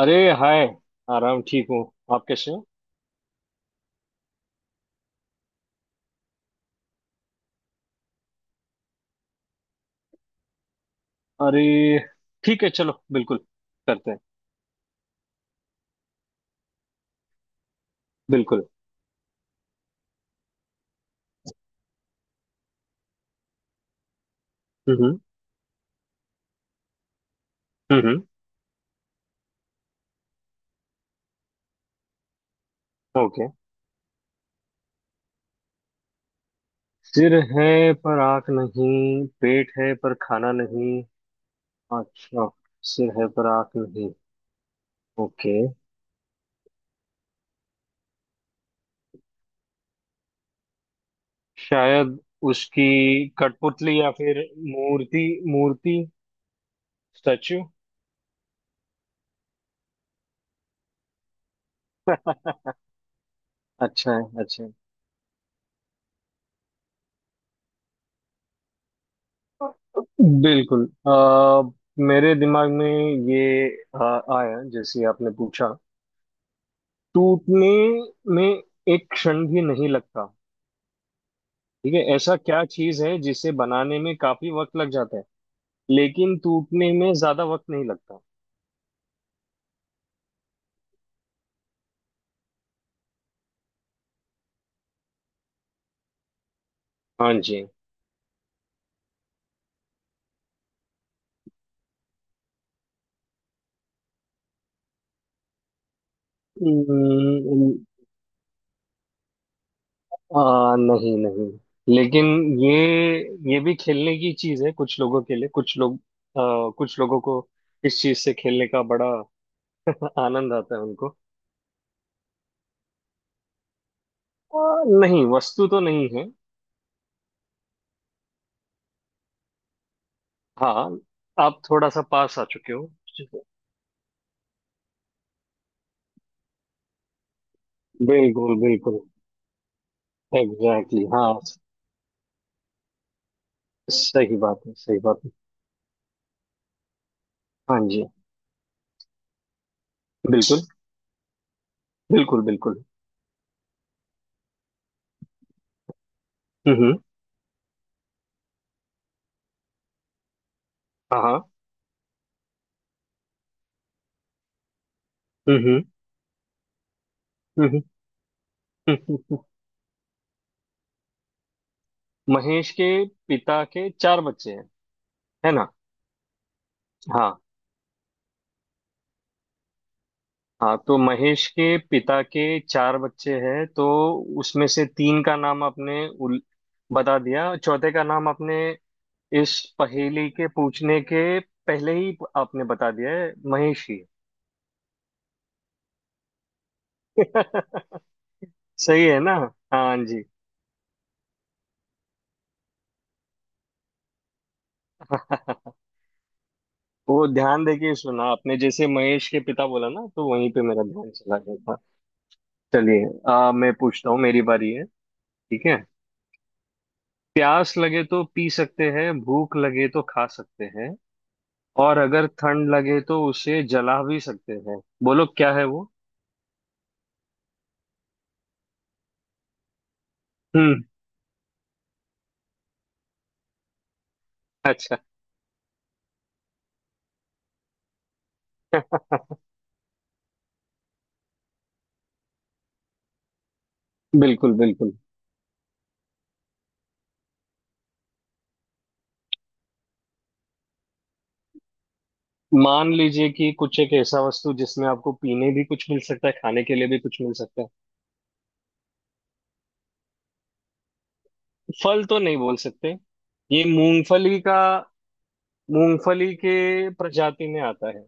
अरे हाय। आराम ठीक हूँ। आप कैसे हो? अरे ठीक है, चलो बिल्कुल करते हैं। बिल्कुल। हम्म। हम्म। ओके। सिर है पर आँख नहीं, पेट है पर खाना नहीं। अच्छा। सिर है पर आँख नहीं। ओके, शायद उसकी कठपुतली, या फिर मूर्ति। मूर्ति। स्टैचू। अच्छा है, अच्छा है। बिल्कुल। मेरे दिमाग में ये अ, आया जैसे आपने पूछा। टूटने में एक क्षण भी नहीं लगता। ठीक है, ऐसा क्या चीज है जिसे बनाने में काफी वक्त लग जाता है, लेकिन टूटने में ज्यादा वक्त नहीं लगता। हाँ जी। हम्म, नहीं नहीं, लेकिन ये ये भी खेलने की चीज है कुछ लोगों के लिए। कुछ लोग, कुछ लोगों को इस चीज से खेलने का बड़ा आनंद आता है उनको। आ, नहीं, वस्तु तो नहीं है। हाँ, आप थोड़ा सा पास आ चुके हो। बिल्कुल बिल्कुल। एग्जैक्टली exactly, हाँ, सही बात है, सही बात है। हाँ जी। बिल्कुल, बिल्कुल बिल्कुल। हम्म। हाँ हाँ। हम्म। हम्म। हम्म। महेश के पिता के चार बच्चे हैं, है ना? हाँ, हाँ तो महेश के पिता के चार बच्चे हैं, तो उसमें से तीन का नाम आपने बता दिया, चौथे का नाम आपने इस पहेली के पूछने के पहले ही आपने बता दिया है, महेश ही है। सही है ना? हाँ जी। वो ध्यान देके सुना आपने, जैसे महेश के पिता बोला ना, तो वहीं पे मेरा ध्यान चला गया था। चलिए, मैं पूछता हूँ, मेरी बारी है। ठीक है, प्यास लगे तो पी सकते हैं, भूख लगे तो खा सकते हैं, और अगर ठंड लगे तो उसे जला भी सकते हैं। बोलो क्या है वो? हम्म। अच्छा। बिल्कुल बिल्कुल, मान लीजिए कि कुछ एक ऐसा वस्तु जिसमें आपको पीने भी कुछ मिल सकता है, खाने के लिए भी कुछ मिल सकता है। फल तो नहीं बोल सकते। ये मूंगफली का, मूंगफली के प्रजाति में आता है।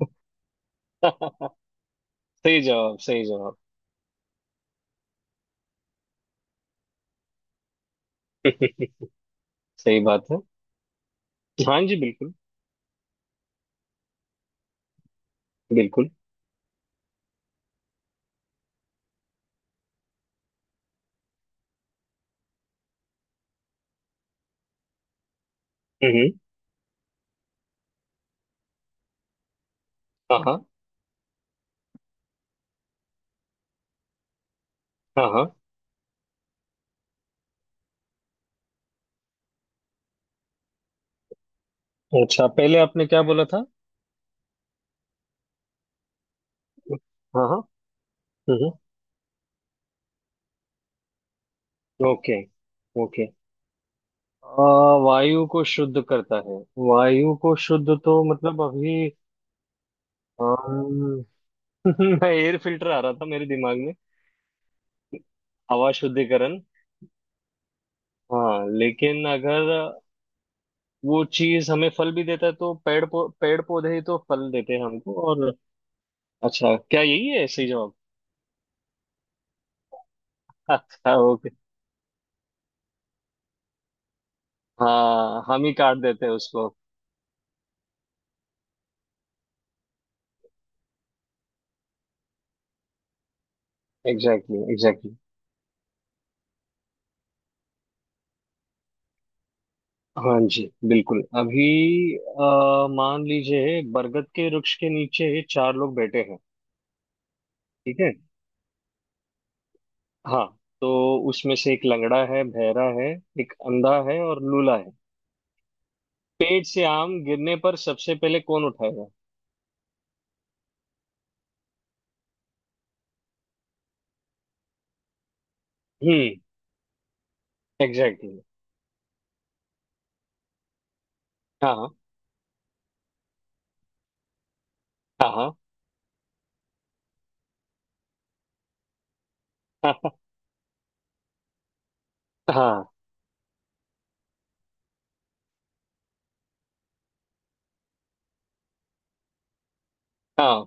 सही जवाब, सही जवाब। सही बात है। हाँ जी बिल्कुल। बिल्कुल। हम्म। हाँ हाँ। हाँ हाँ। अच्छा पहले आपने क्या बोला था? हाँ हाँ। हम्म। ओके। ओके। वायु को शुद्ध करता है। वायु को शुद्ध तो मतलब अभी। अम, एयर फिल्टर आ रहा था मेरे दिमाग में। हवा शुद्धिकरण। हाँ, लेकिन अगर वो चीज हमें फल भी देता है, तो पेड़ पौधे ही तो फल देते हैं हमको। और अच्छा, क्या यही है सही जवाब? अच्छा, ओके। हाँ, हम ही काट देते हैं उसको। Exactly exactly, exactly exactly। हाँ जी, बिल्कुल अभी। मान लीजिए बरगद के वृक्ष के नीचे चार लोग बैठे हैं। ठीक है। हाँ, तो उसमें से एक लंगड़ा है, बहरा है, एक अंधा है, और लूला है। पेड़ से आम गिरने पर सबसे पहले कौन उठाएगा? हम्म। Exactly exactly। हाँ हाँ। हाँ हाँ। हाँ।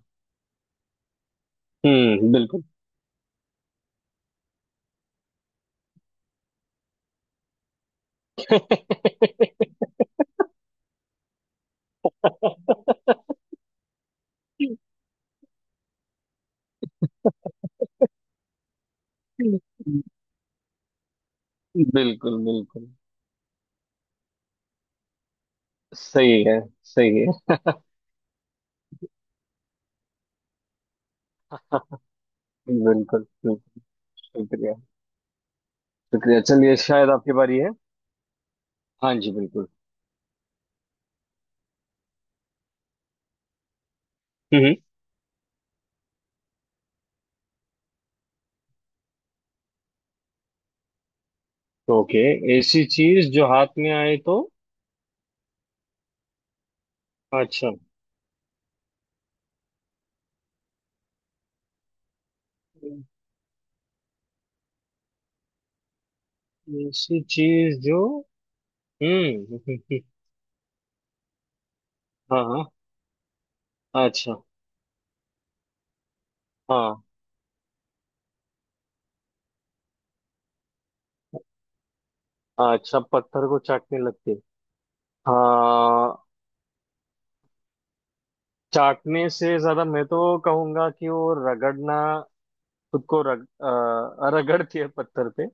हम्म, बिल्कुल। बिल्कुल बिल्कुल सही है। सही है। बिल्कुल बिल्कुल। शुक्रिया। शुक्रिया। चलिए शायद आपकी बारी है। हाँ जी बिल्कुल। हम्म। हम्म। ओके, ऐसी चीज जो हाथ में आए तो। अच्छा, ऐसी चीज जो। हम्म। हाँ हाँ। अच्छा। हाँ। अच्छा, पत्थर को चाटने लगती। हाँ, चाटने से ज्यादा मैं तो कहूंगा कि वो रगड़ना, खुद को रगड़ के पत्थर पे।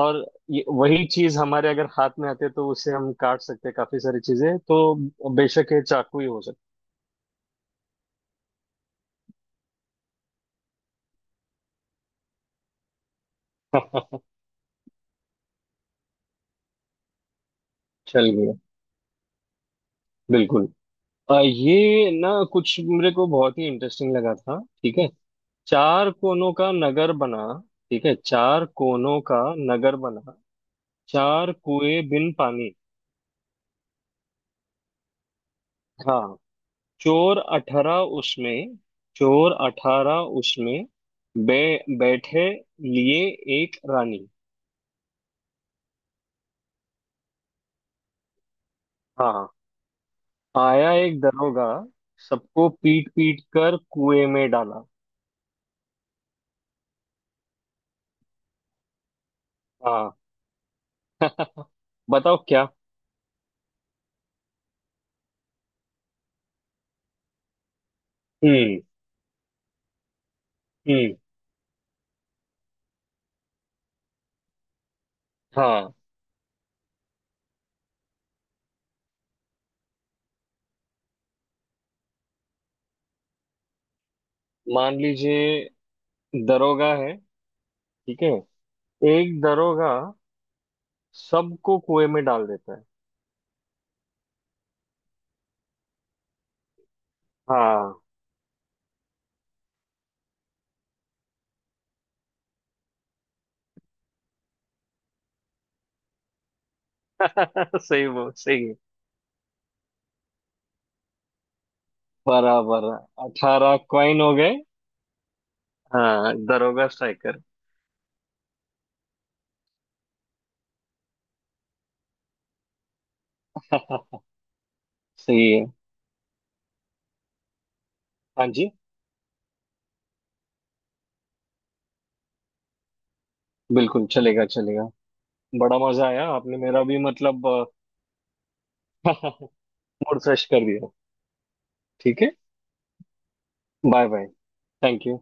और ये, वही चीज हमारे अगर हाथ में आते तो उससे हम काट सकते हैं काफी सारी चीजें, तो बेशक ये चाकू ही हो सकता। चल गया। बिल्कुल। ये ना कुछ मेरे को बहुत ही इंटरेस्टिंग लगा था। ठीक है, चार कोनों का नगर बना, ठीक है, चार कोनों का नगर बना, चार कुएं बिन पानी। हाँ। चोर अठारह उसमें, चोर अठारह उसमें, बैठे लिए एक रानी। हाँ, आया एक दरोगा, सबको पीट पीट कर कुएं में डाला। हाँ। बताओ क्या। हम्म। हम्म। हाँ, मान लीजिए दरोगा है। ठीक है, एक दरोगा सबको कुएं में डाल देता है। हाँ। सही, वो सही है। बराबर, अठारह कॉइन हो गए। हाँ, दरोगा स्ट्राइकर। सही है। हाँ जी बिल्कुल, चलेगा चलेगा। बड़ा मजा आया, आपने मेरा भी मतलब मूड फ्रेश कर दिया। ठीक है, बाय बाय। Thank you.